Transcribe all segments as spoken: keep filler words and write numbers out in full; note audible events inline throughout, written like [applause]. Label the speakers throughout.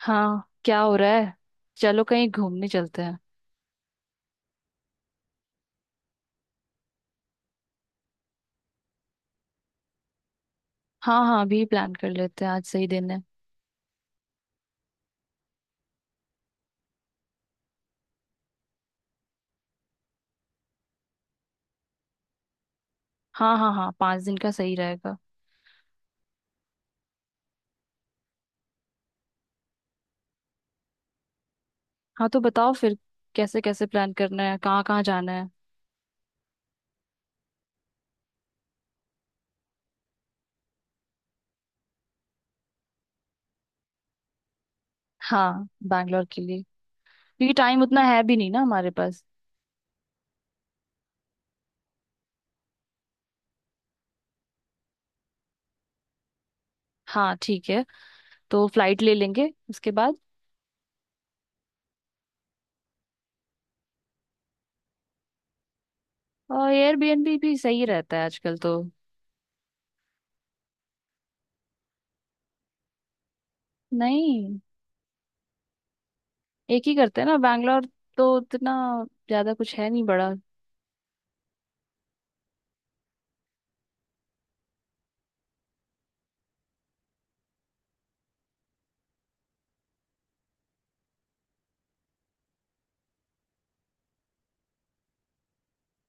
Speaker 1: हाँ, क्या हो रहा है। चलो कहीं घूमने चलते हैं। हाँ हाँ, अभी प्लान कर लेते हैं, आज सही दिन है। हाँ हाँ हाँ, पाँच दिन का सही रहेगा। हाँ, तो बताओ फिर। कैसे कैसे प्लान करना है, कहाँ कहाँ जाना है। हाँ, बैंगलोर के लिए। क्योंकि टाइम उतना है भी नहीं ना हमारे पास। हाँ ठीक है, तो फ्लाइट ले लेंगे उसके बाद। और एयरबीएनबी भी सही रहता है आजकल तो। नहीं, एक ही करते हैं ना बैंगलोर तो उतना ज्यादा कुछ है नहीं बड़ा।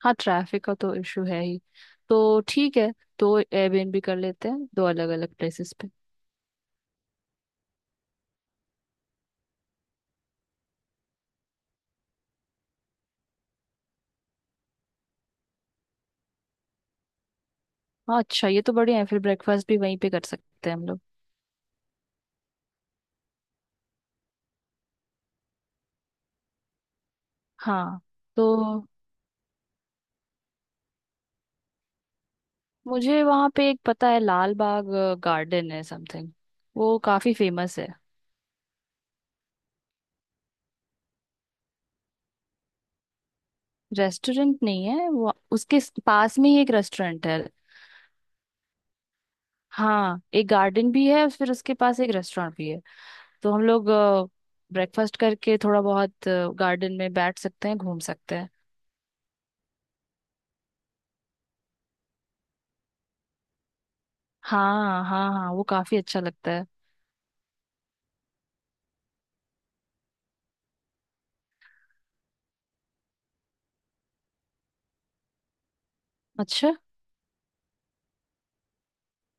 Speaker 1: हाँ, ट्रैफिक का तो इशू है ही। तो ठीक है, दो एयरबीएनबी कर लेते हैं, दो अलग अलग प्लेसेस पे। हाँ अच्छा, ये तो बढ़िया है, फिर ब्रेकफास्ट भी वहीं पे कर सकते हैं हम लोग। हाँ तो मुझे वहाँ पे एक पता है, लाल बाग गार्डन है समथिंग। वो काफी फेमस है। रेस्टोरेंट नहीं है वो, उसके स- पास में ही एक रेस्टोरेंट है। हाँ, एक गार्डन भी है, फिर उसके पास एक रेस्टोरेंट भी है। तो हम लोग ब्रेकफास्ट करके थोड़ा बहुत गार्डन में बैठ सकते हैं, घूम सकते हैं। हाँ हाँ हाँ, वो काफी अच्छा लगता है। अच्छा।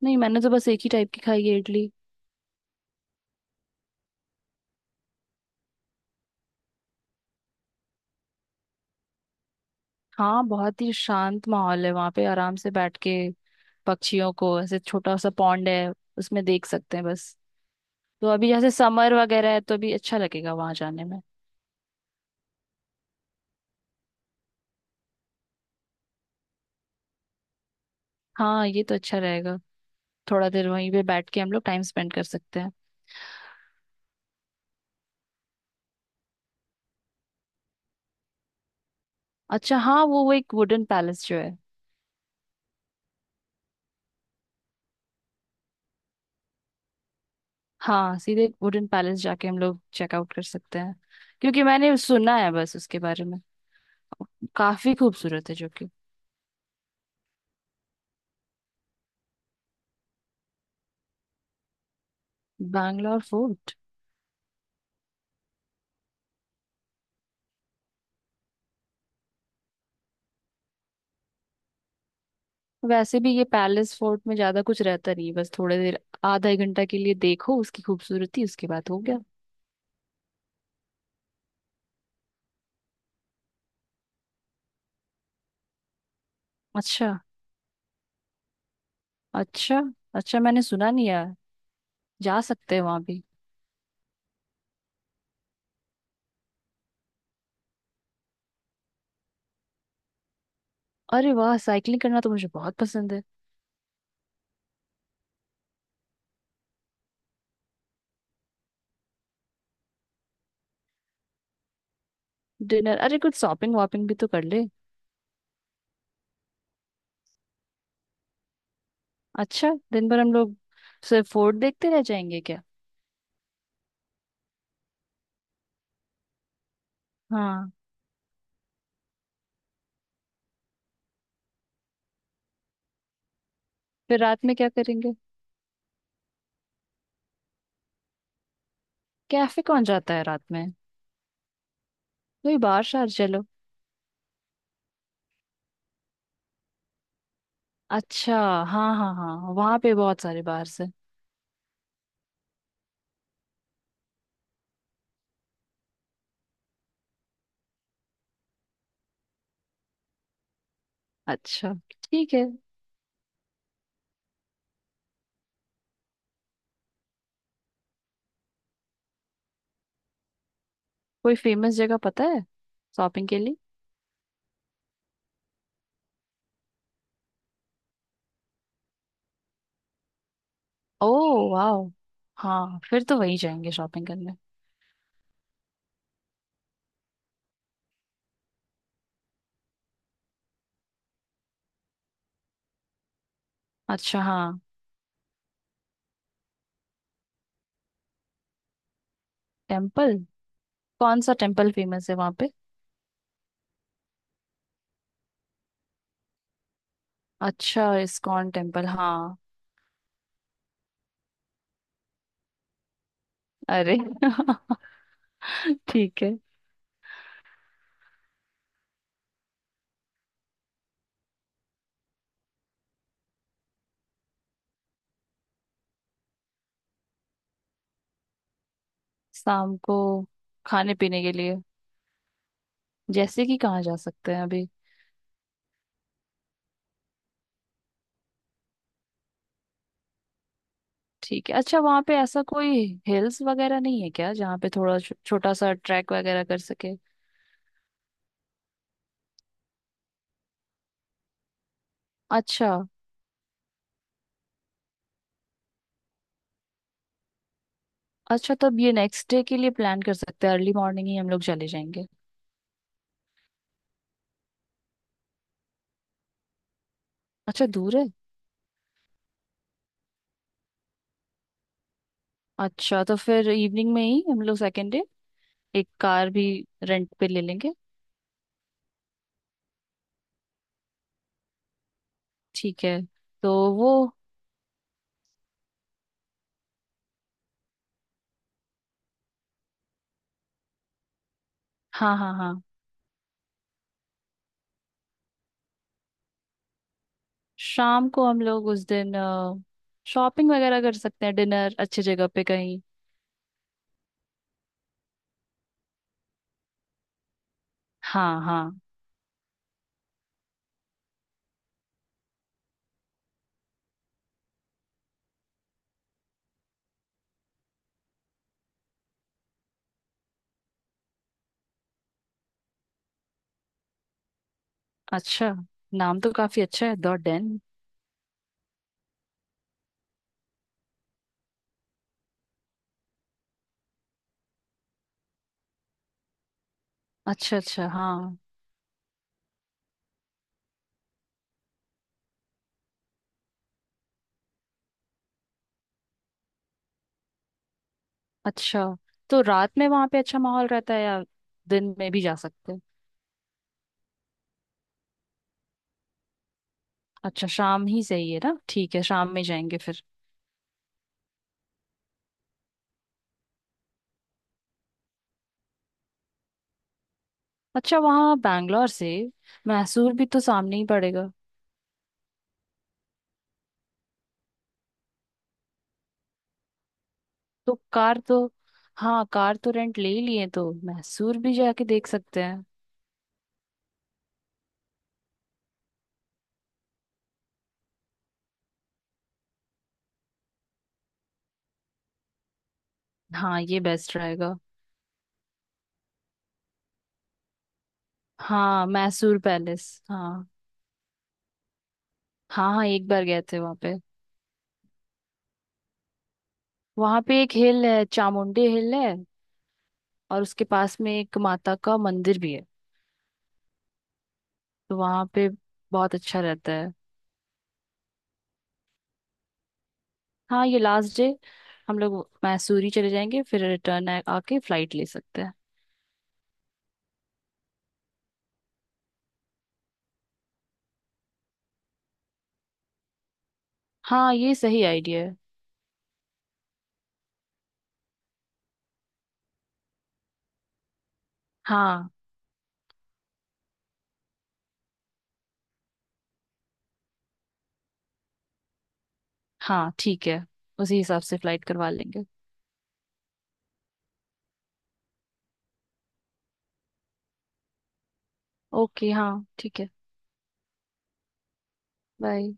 Speaker 1: नहीं, मैंने तो बस एक ही टाइप की खाई है इडली। हाँ, बहुत ही शांत माहौल है वहां पे, आराम से बैठ के पक्षियों को, ऐसे छोटा सा पॉन्ड है उसमें, देख सकते हैं बस। तो अभी जैसे समर वगैरह है, तो अभी अच्छा लगेगा वहां जाने में। हाँ, ये तो अच्छा रहेगा। थोड़ा देर वहीं पे बैठ के हम लोग टाइम स्पेंड कर सकते हैं। अच्छा हाँ, वो वो एक वुडन पैलेस जो है। हाँ, सीधे वुडन पैलेस जाके हम लोग चेकआउट कर सकते हैं। क्योंकि मैंने सुना है बस उसके बारे में, काफी खूबसूरत है जो कि। बैंगलोर फोर्ट। वैसे भी ये पैलेस फोर्ट में ज्यादा कुछ रहता नहीं है, बस थोड़ी देर आधा एक घंटा के लिए देखो उसकी खूबसूरती, उसके बाद हो गया। अच्छा। अच्छा। अच्छा, मैंने सुना नहीं यार। जा सकते हैं वहां भी। अरे वाह, साइकिलिंग करना तो मुझे बहुत पसंद है। डिनर? अरे कुछ शॉपिंग वॉपिंग भी तो कर ले। अच्छा, दिन भर हम लोग सिर्फ फोर्ट देखते रह जाएंगे क्या। हाँ। फिर रात में क्या करेंगे। कैफे कौन जाता है रात में। कोई बार शार चलो। अच्छा। हाँ हाँ हाँ, वहां पे बहुत सारे बार है। अच्छा ठीक है। कोई फेमस जगह पता है शॉपिंग के लिए। ओ, वाह। हाँ, फिर तो वहीं जाएंगे शॉपिंग करने। अच्छा हाँ। टेम्पल? कौन सा टेम्पल फेमस है वहाँ पे। अच्छा, इस्कॉन टेम्पल, हाँ। अरे [laughs] ठीक है। शाम को खाने पीने के लिए जैसे कि कहाँ जा सकते हैं अभी। ठीक है। अच्छा, वहाँ पे ऐसा कोई हिल्स वगैरह नहीं है क्या, जहाँ पे थोड़ा छो, छोटा सा ट्रैक वगैरह कर सके। अच्छा। अच्छा, तब ये नेक्स्ट डे के लिए प्लान कर सकते हैं, अर्ली मॉर्निंग ही हम लोग चले जाएंगे। अच्छा दूर है। अच्छा तो फिर इवनिंग में ही हम लोग सेकेंड डे एक कार भी रेंट पे ले लेंगे। ठीक है। तो वो। हाँ हाँ हाँ। शाम को हम लोग उस दिन शॉपिंग वगैरह कर सकते हैं, डिनर अच्छी जगह पे कहीं। हाँ हाँ। अच्छा, नाम तो काफी अच्छा है द डेन। अच्छा अच्छा हाँ। अच्छा, तो रात में वहां पे अच्छा माहौल रहता है, या दिन में भी जा सकते हैं। अच्छा, शाम ही सही है ना, ठीक है, शाम में जाएंगे फिर। अच्छा, वहाँ बैंगलोर से मैसूर भी तो सामने ही पड़ेगा। तो कार तो, हाँ कार तो रेंट ले ही लिए तो मैसूर भी जाके देख सकते हैं। हाँ, ये बेस्ट रहेगा। हाँ मैसूर पैलेस हाँ। हाँ हाँ, एक बार गए थे वहाँ पे। वहाँ पे एक हिल है, चामुंडी हिल है, और उसके पास में एक माता का मंदिर भी है। तो वहाँ पे बहुत अच्छा रहता है। हाँ, ये लास्ट डे हम लोग मैसूरी चले जाएंगे, फिर रिटर्न आके फ्लाइट ले सकते हैं। हाँ, ये सही आइडिया है। हाँ। हाँ ठीक है, उसी हिसाब से फ्लाइट करवा लेंगे। ओके हाँ ठीक है। बाय।